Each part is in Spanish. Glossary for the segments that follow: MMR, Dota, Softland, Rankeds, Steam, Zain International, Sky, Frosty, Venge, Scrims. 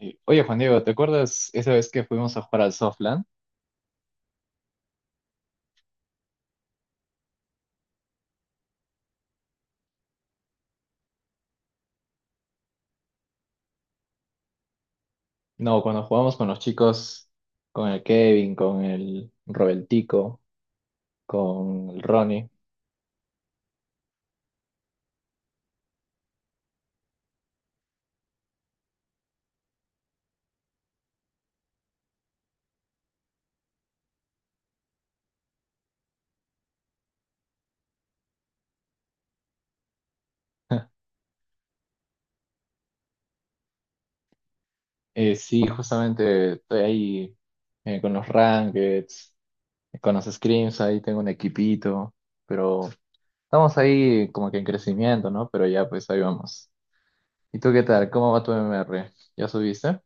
Oye, Juan Diego, ¿te acuerdas esa vez que fuimos a jugar al Softland? No, cuando jugamos con los chicos, con el Kevin, con el Robertico, con el Ronnie. Sí, justamente estoy ahí con los Rankeds, con los Scrims, ahí tengo un equipito, pero estamos ahí como que en crecimiento, ¿no? Pero ya, pues ahí vamos. ¿Y tú qué tal? ¿Cómo va tu MMR? ¿Ya subiste?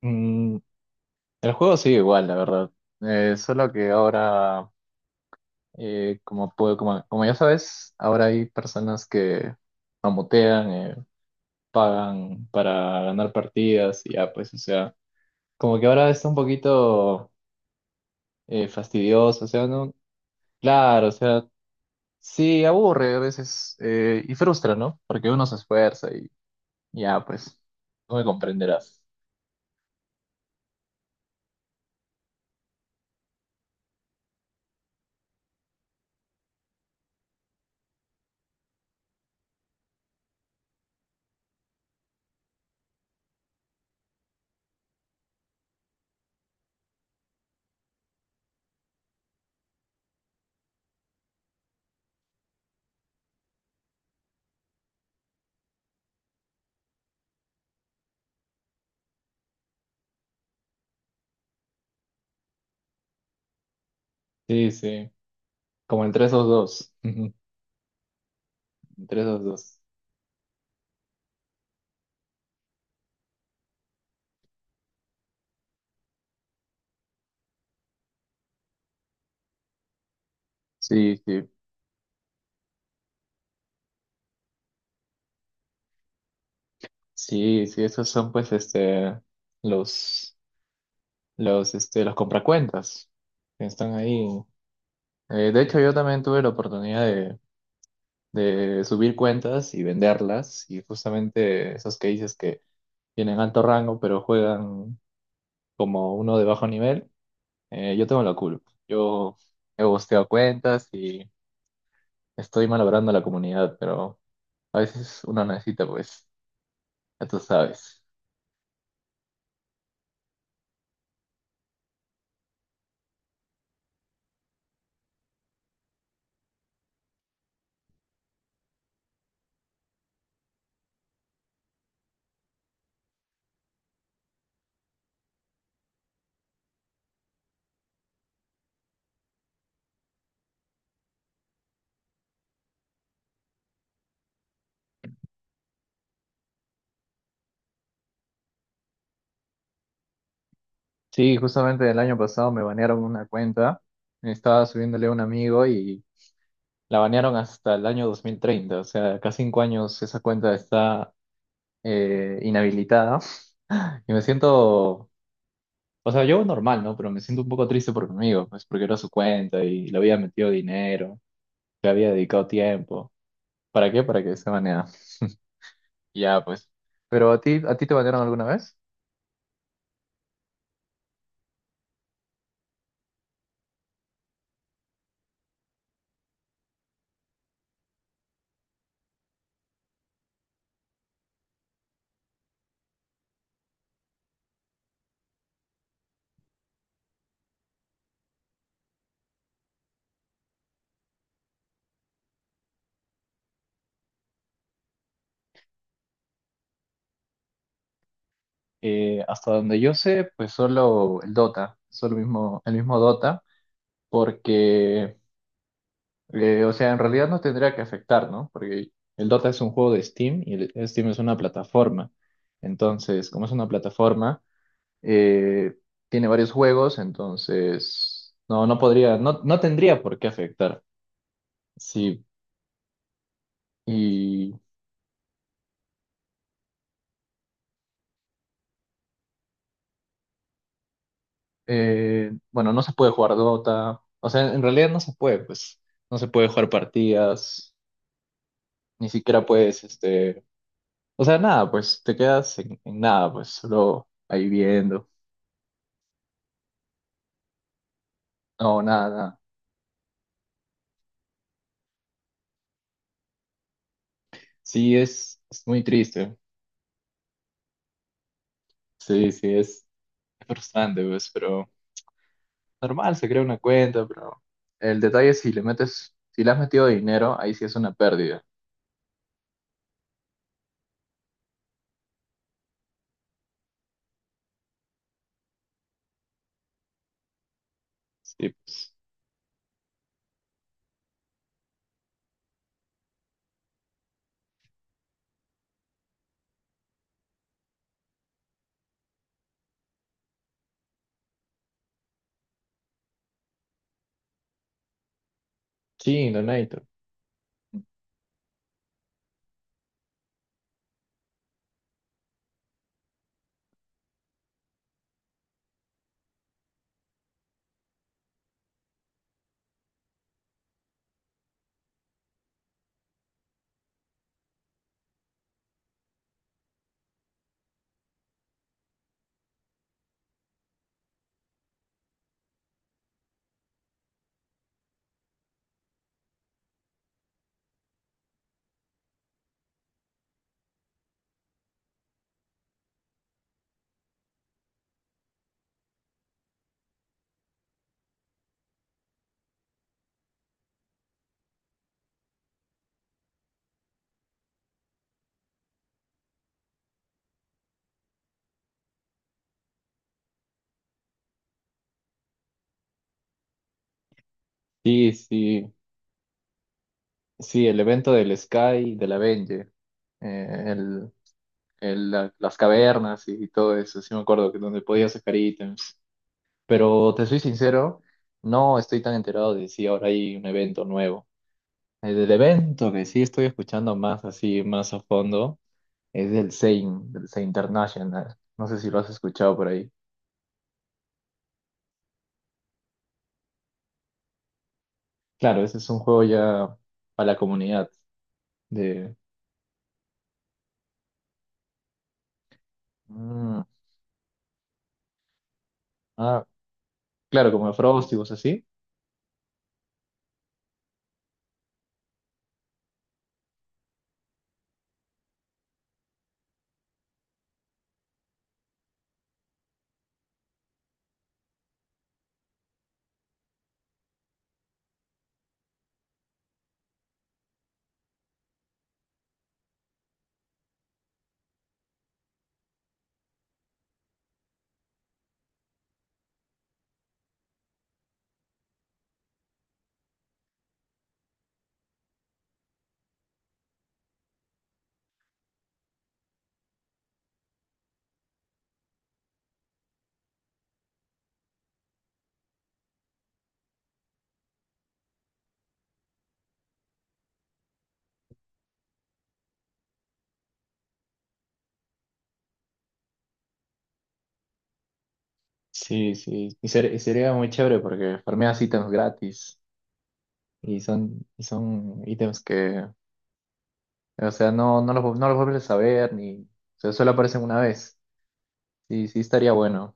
Mm, el juego sigue igual, la verdad. Solo que ahora como ya sabes, ahora hay personas que mamotean, pagan para ganar partidas y ya, pues, o sea, como que ahora está un poquito fastidioso, o sea, no, claro, o sea, sí, aburre a veces y frustra, ¿no? Porque uno se esfuerza y ya, pues, no me comprenderás. Sí, sí, como entre esos dos, entre esos dos. Sí, sí, sí, sí, esos son pues los... los, los compracuentas que están ahí. De hecho, yo también tuve la oportunidad de subir cuentas y venderlas, y justamente esos que dices que tienen alto rango, pero juegan como uno de bajo nivel, yo tengo la culpa. Yo he bosteado cuentas y estoy malogrando a la comunidad, pero uno necesita, pues, ya tú sabes. Sí, justamente el año pasado me banearon una cuenta, estaba subiéndole a un amigo y la banearon hasta el año 2030. O sea, cada 5 años esa cuenta está inhabilitada. Y me siento, o sea, yo normal, ¿no? Pero me siento un poco triste por mi amigo, pues porque era su cuenta y le había metido dinero, le había dedicado tiempo. ¿Para qué? Para que se baneara. Y ya, pues. ¿Pero a ti te banearon alguna vez? Hasta donde yo sé, pues solo el Dota, solo el mismo Dota, porque o sea, en realidad no tendría que afectar, ¿no? Porque el Dota es un juego de Steam y el Steam es una plataforma. Entonces, como es una plataforma, eh, tiene varios juegos, entonces no, no podría, no, no tendría por qué afectar. Sí, y bueno, no se puede jugar Dota. O sea, en realidad no se puede, pues, no se puede jugar partidas, ni siquiera puedes, o sea, nada, pues te quedas en nada, pues, solo ahí viendo. No, nada, nada. Sí, es muy triste. Sí, sí, es frustrante, pues, pero normal, se crea una cuenta, pero el detalle es si le metes, si le has metido dinero, ahí sí es una pérdida. Sí, pues. Sí, Donato. Sí, sí, sí, el evento del Sky, de la Venge, eh, el, las cavernas y todo eso, sí me acuerdo que donde podías sacar ítems. Pero te soy sincero, no estoy tan enterado de si ahora hay un evento nuevo. El del evento que sí estoy escuchando más así, más a fondo, es del Zain International. No sé si lo has escuchado por ahí. Claro, ese es un juego ya para la comunidad de... Mm, ah, claro, como Frosty y cosas así. Sí, sí. Y sería muy chévere porque farmeas ítems gratis y son ítems que, o sea, no, no los vuelves a ver ni... O sea, solo aparecen una vez. Sí, sí estaría bueno.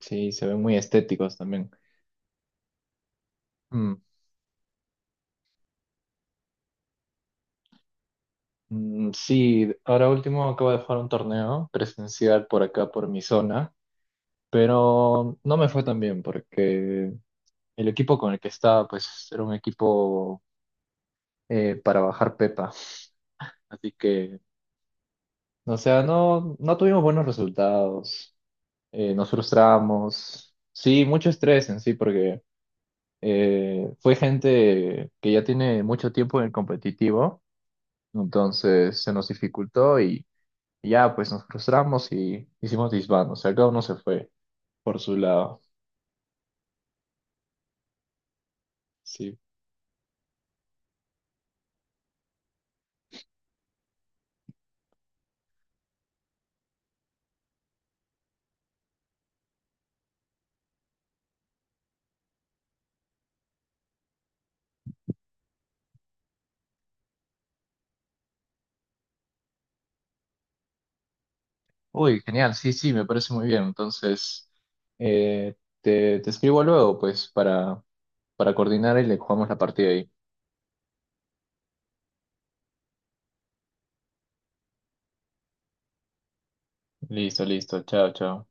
Sí, se ven muy estéticos también. Mm. Mm, sí, ahora último acabo de jugar un torneo presencial por acá, por mi zona, pero no me fue tan bien porque el equipo con el que estaba, pues era un equipo para bajar Pepa. Así que, o sea, no, no tuvimos buenos resultados, nos frustramos. Sí, mucho estrés en sí, porque fue gente que ya tiene mucho tiempo en el competitivo, entonces se nos dificultó. Y ya, pues nos frustramos y hicimos disband, o sea, cada uno se fue por su lado. Sí. Uy, genial, sí, sí, me parece muy bien. Entonces, eh, te escribo luego, pues, para coordinar y le jugamos la partida ahí. Listo, listo, chao, chao.